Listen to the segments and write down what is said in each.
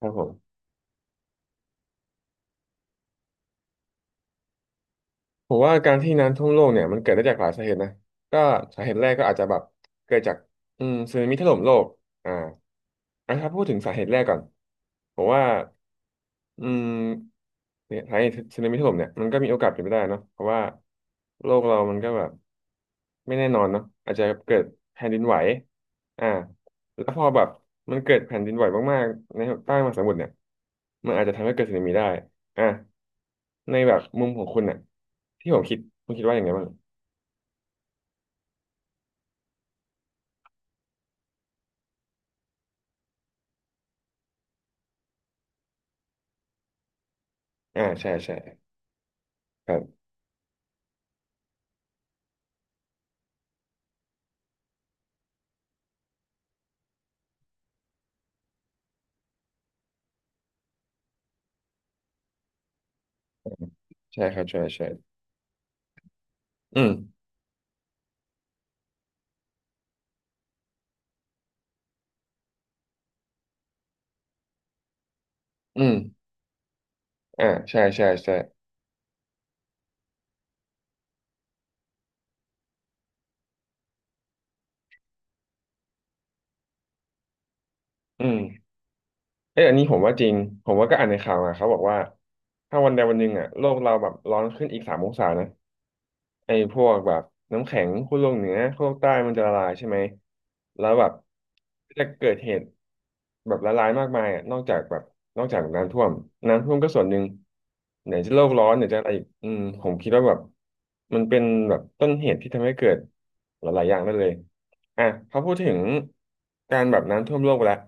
ครับผมผมว่าการที่น้ำท่วมโลกเนี่ยมันเกิดได้จากหลายสาเหตุนะก็สาเหตุแรกก็อาจจะแบบเกิดจากสึนามิถล่มโลกอ่าอ่ะถ้าพูดถึงสาเหตุแรกก่อนผมว่าอืมเนี่ยสาเหตุสึนามิถล่มเนี่ยมันก็มีโอกาสเป็นไปได้เนาะเพราะว่าโลกเรามันก็แบบไม่แน่นอนเนาะอาจจะเกิดแผ่นดินไหวอ่าแล้วพอแบบมันเกิดแผ่นดินไหวมากๆใต้มหาสมุทรเนี่ยมันอาจจะทำให้เกิดสึนามิได้อ่ะ ในแบบมุมของคุณอ่ะที่ผมคิดคุณคิดว่าอย่างไงบ้างอ่าใช่ใช่ครับใช่ครับใช่ใช่อืมอืมอ่าใช่ใช่ใช่อืมเอ้ยอันนี้ผมว่าจริงผมว่าก็อ่านในข่าวมาเขาบอกว่าถ้าวันใดวันหนึ่งอ่ะโลกเราแบบร้อนขึ้นอีกสามองศานะ ไอ้พวกแบบน้ำแข็งขั้วโลกเหนือขั้วโลกใต้มันจะละลายใช่ไหม แล้วแบบก็จะเกิดเหตุแบบละลายมากมายอ่ะนอกจากแบบนอกจากน้ำท่วมก็ส่วนหนึ่งไหนจะโลกร้อนไหนจะอะไรอีกผมคิดว่าแบบมันเป็นแบบต้นเหตุที่ทำให้เกิดหลายๆอย่างได้เลยอ่ะพอพูดถึงการแบบน้ำท่วมโลกไปแล้ว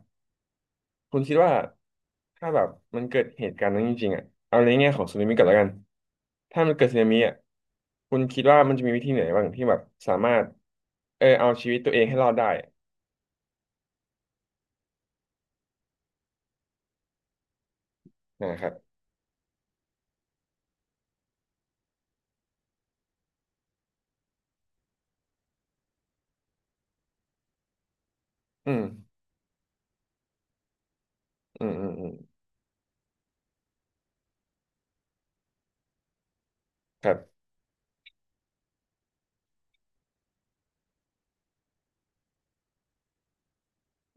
คุณคิดว่าถ้าแบบมันเกิดเหตุการณ์นั้นจริงๆอ่ะเอาในแง่ของสึนามิก่อนแล้วกันถ้ามันเกิดสึนามิอ่ะคุณคิดว่ามันจะมีวิธีไหนบ้างที่แบบสามารถเอาชีวิตตัวเองให้รอดได้นะครับอืมอืมอืมอืมครับ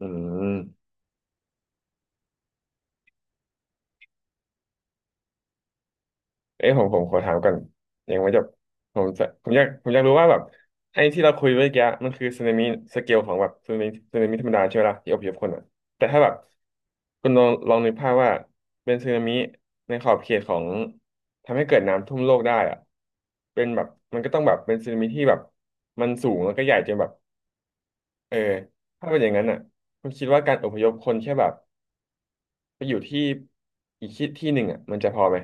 อืม เอ้ยผมผมขอถามก่อนยังไม่จบผมจะผมอยากผมอยากรู้ว่าแบบไอ้ที่เราคุยเมื่อกี้มันคือสึนามิสเกลของแบบสึนามิธรรมดาใช่ไหมล่ะที่อพยพคนอ่ะแต่ถ้าแบบคุณลองนึกภาพว่าเป็นสึนามิในขอบเขตของทำให้เกิดน้ำท่วมโลกได้อ่ะเป็นแบบมันก็ต้องแบบเป็นสึนามิที่แบบมันสูงแล้วก็ใหญ่จนแบบเออถ้าเป็นอย่างนั้นอ่ะคุณคิดว่าการอพยพคนแค่แบบไปอยู่ที่อีกที่หนึ่งอ่ะมันจะพอไหม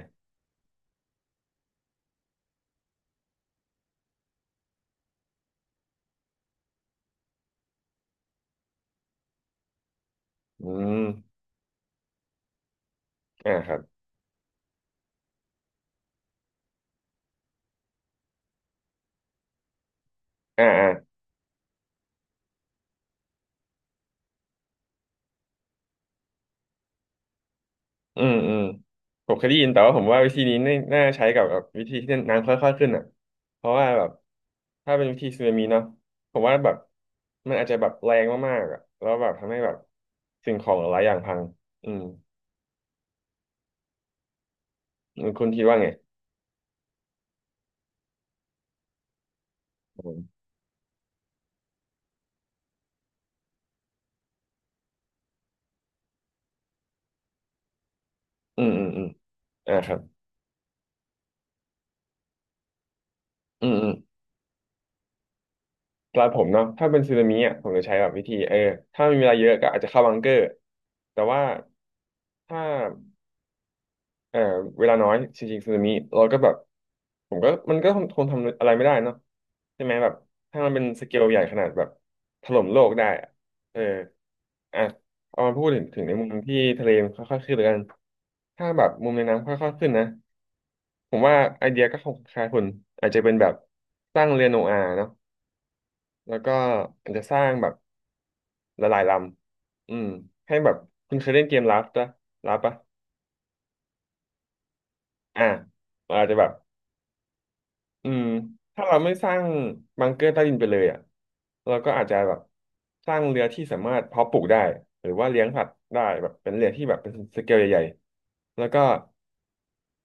อืมอ่าครับอ่าอ่า อืมอืมผมเคยได้ยินแต่ว่าผมว่าวิธีนี้น่าใช้กับแบบวิธีที่น้ำค่อยๆขึ้นอ่ะเพราะว่าแบบถ้าเป็นวิธีสึนามิเนาะผมว่าแบบมันอาจจะแบบแรงมากๆอ่ะแล้วแบบทำให้แบบสิ่งของหลายอย่างพังอืมคุณคิดว่าไงอืมอืมอืมอืมอ่าครับอืมอืมสำหรับผมเนาะถ้าเป็นสึนามิอ่ะผมจะใช้แบบวิธีถ้ามีเวลาเยอะก็อาจจะเข้าบังเกอร์แต่ว่าถ้า เอ่อเวลาน้อยจริงๆสึนามิเราก็แบบผมก็มันก็คงทำอะไรไม่ได้เนาะใช่ไหมแบบถ้ามันเป็นสเกลใหญ่ขนาดแบบถล่มโลกได้อะเอออ่ะเอามาพูดถึงในมุมที่ทะเลมันค่อยๆขึ้นแล้วกันถ้าแบบมุมในน้ำค่อยๆขึ้นนะผมว่าไอเดียก็คงคล้ายคุณอาจจะเป็นแบบสร้างเรือโนอาห์เนาะแล้วก็อาจจะสร้างแบบละลายลำให้แบบคุณเคยเล่นเกมลาฟปะลาฟปะอ่ะเราอาจจะแบบ อืมถ้าเราไม่สร้างบังเกอร์ใต้ดินไปเลยอ่ะเราก็อาจจะแบบสร้างเรือที่สามารถเพาะปลูกได้หรือว่าเลี้ยงสัตว์ได้แบบเป็นเรือที่แบบเป็นสเกลใหญ่ๆแล้วก็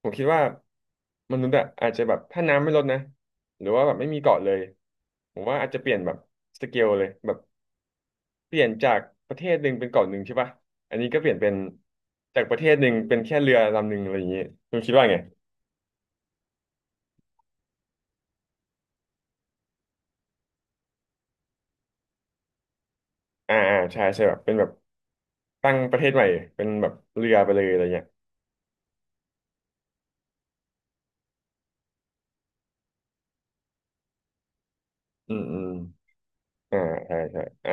ผมคิดว่ามนุษย์อ่ะอาจจะแบบถ้าน้ำไม่ลดนะหรือว่าแบบไม่มีเกาะเลยผมว่าอาจจะเปลี่ยนแบบสเกลเลยแบบเปลี่ยนจากประเทศหนึ่งเป็นเกาะหนึ่งใช่ป่ะอันนี้ก็เปลี่ยนเป็นจากประเทศหนึ่งเป็นแค่เรือลำหนึ่งอะไรอย่างเงี้ยคุณคิดว่าไงอ่าอ่าใช่ใช่แบบเป็นแบบ ตั้งประเทศใหม่เป็นแบบเรือไปเลยอะไรเงี้ยอืมอืมอ่าใช่ใช่อ่า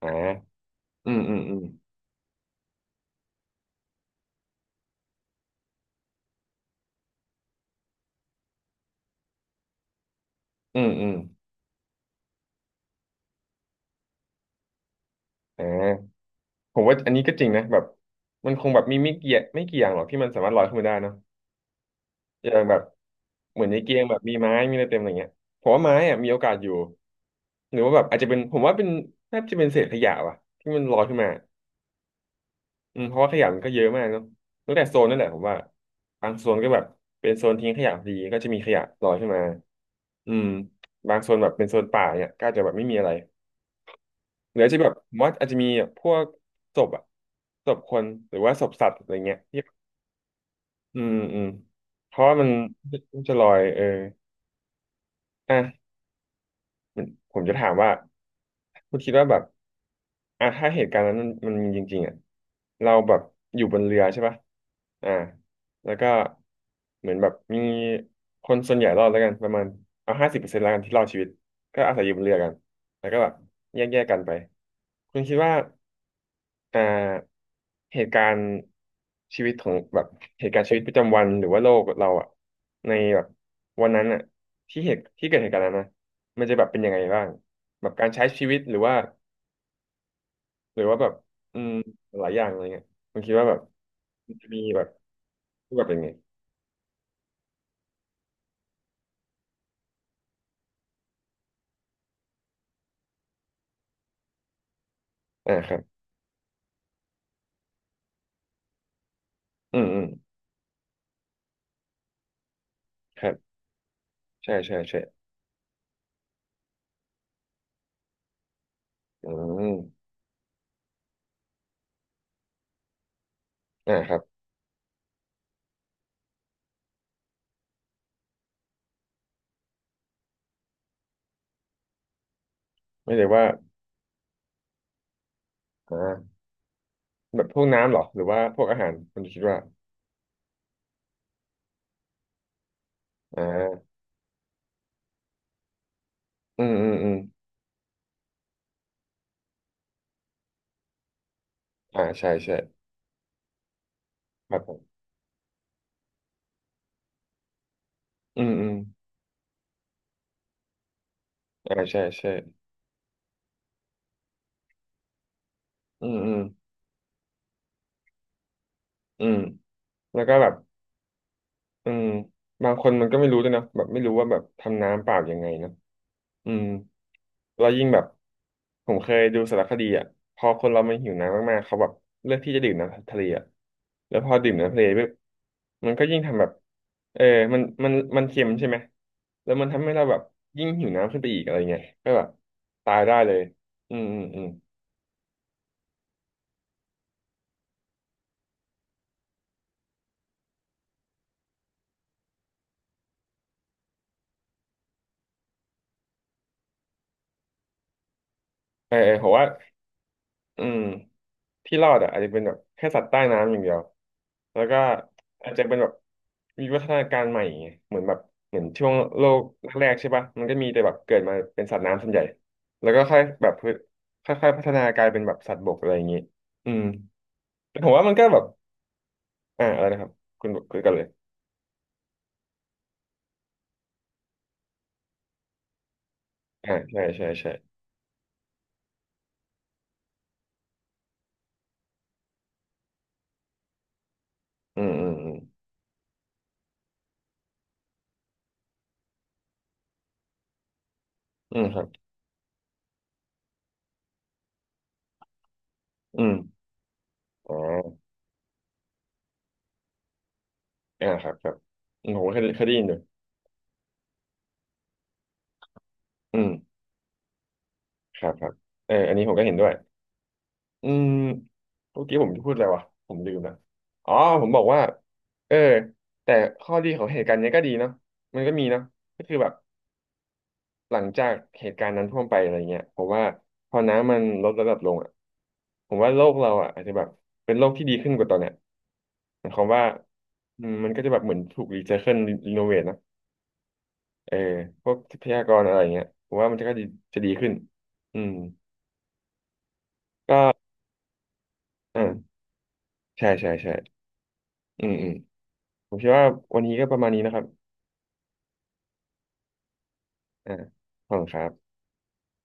อ่าอืมอืมอืมอืมอืมอ่าผมว่าอันนี้ก็จริงนะแบบมันคงแบบมีไม่กี่อย่างหรอกที่มันสามารถลอยขึ้นมาได้เนอะอย่างแบบเหมือนในเกมแบบมีไม้มีอะไรเต็มอะไรเงี้ยผมว่าไม้อะมีโอกาสอยู่หรือว่าแบบอาจจะเป็นผมว่าเป็นน่าจะเป็นเศษขยะว่ะที่มันลอยขึ้นมา อืมเพราะว่าขยะมันก็เยอะมากเนาะตั้งแต่โซนนั่นแหละผมว่าบางโซนก็แบบเป็นโซนทิ้งขยะพอดีก็จะมีขยะลอยขึ้นมาอืมบางโซนแบบเป็นโซนป่าเนี่ยก็อาจจะแบบไม่มีอะไรหรืออาจจะแบบผมว่าอาจจะมีพวกศพอะศพคนหรือว่าศพสัตว์อะไรเงี้ยที่อืมอืมเพราะว่ามันจะลอยเอออ่ะผมจะถามว่า คุณคิดว่าแบบอ่ะถ้าเหตุการณ์นั้นมันมีจริงๆอ่ะเราแบบอยู่บนเรือใช่ปะอ่าแล้วก็เหมือนแบบมีคนส่วนใหญ่รอดแล้วกันประมาณเอา50%แล้วกันที่รอดชีวิตก็อาศัยอยู่บนเรือกันแล้วก็แบบแยกๆกันไปคุณคิดว่า อ่าเหตุการณ์ชีวิตของแบบเหตุการณ์ชีวิตประจำวันหรือว่าโลกเราอะในแบบวันนั้นอะที่เหตุที่เกิดเหตุการณ์นั้นนะมันจะแบบเป็นยังไงบ้างแบบการใช้ชีวิตหรือว่าหรือว่าแบบอืมหลายอย่างอะไรเงี้ยผมคิดว่าแบบมันจะมีแบบรูปแบบยังไงอ่าครับอืมอืมครับใช่ใช่ใช่อืมอ่าครับไม่เลยว่าอ่าแบบพวกน้ำเหรอหรือว่าพวกอาหารคุณคิดว่าอ่าอืมอืมอืมอ่าใช่ใช่ครับ อืมอืมอ่าใช่ใช่อืมอืมอืมแล้วก็แบบอืมบางคนมันก็ไม่รู้ด้วยนะแบบไม่รู้ว่าแบบทำน้ำเปล่ายังไงเนอะอืมแล้วยิ่งแบบผมเคยดูสารคดีอ่ะพอคนเรามันหิวน้ำมากๆเขาแบบเลือกที่จะดื่มน้ำทะเลอ่ะแล้วพอดื่มน้ำทะเลปุ๊บมันก็ยิ่งทำแบบเออมันเค็มใช่ไหมแล้วมันทำให้เราแบบยิ่งหิวน้ำขึ้นไปอีกอะไรเงี้ยก็แบบตายได้เลยอืมอืมอืมเออเออผมว่า อืมที่รอดอ่ะอาจจะเป็นแบบแค่สัตว์ใต้น้ำอย่างเดียวแล้วก็อาจจะเป็นแบบมีวัฒนาการใหม่ไงเหมือนแบบเหมือนช่วงโลกแรกๆใช่ปะมันก็มีแต่แบบเกิดมาเป็นสัตว์น้ำส่วนใหญ่แล้วก็ค่อยแบบพืชค่อยๆพัฒนากลายเป็นแบบสัตว์บกอะไรอย่างนี้อืมแต่ผมว่ามันก็แบบอ่าอะไรนะครับคุณคุยกันเลยอ่าใช่ใช่ใช่อืมอืมอืมอืมครับอืมอ๋ออ่าครับครับอืมผมก็เคยได้ยินอยู่อืมครับครับเอออันนี้ผมก็เห็นด้วย อืมเมื่อกี้ผมจะพูดอะไรวะผมลืมละอ๋อผมบอกว่าเออแต่ข้อดีของเหตุการณ์เนี้ยก็ดีเนาะมันก็มีเนาะก็คือแบบหลังจากเหตุการณ์นั้นท่วมไปอะไรเงี้ยผมว่าพอน้ำมันลดระดับลงอ่ะผมว่าโลกเราอ่ะอาจจะแบบเป็นโลกที่ดีขึ้นกว่าตอนเนี้ยหมายความว่าอืมมันก็จะแบบเหมือนถูกรีไซเคิลรีโนเวทนะเออพวกทรัพยากรอะไรเงี้ยผมว่ามันจะก็ดีจะดีขึ้นอืมก็อ่าใช่ใช่ใช่อืมอืม ผมคิดว่าวันนี้ก็ประมาณนี้นะครับอ่าขอบคุณครับ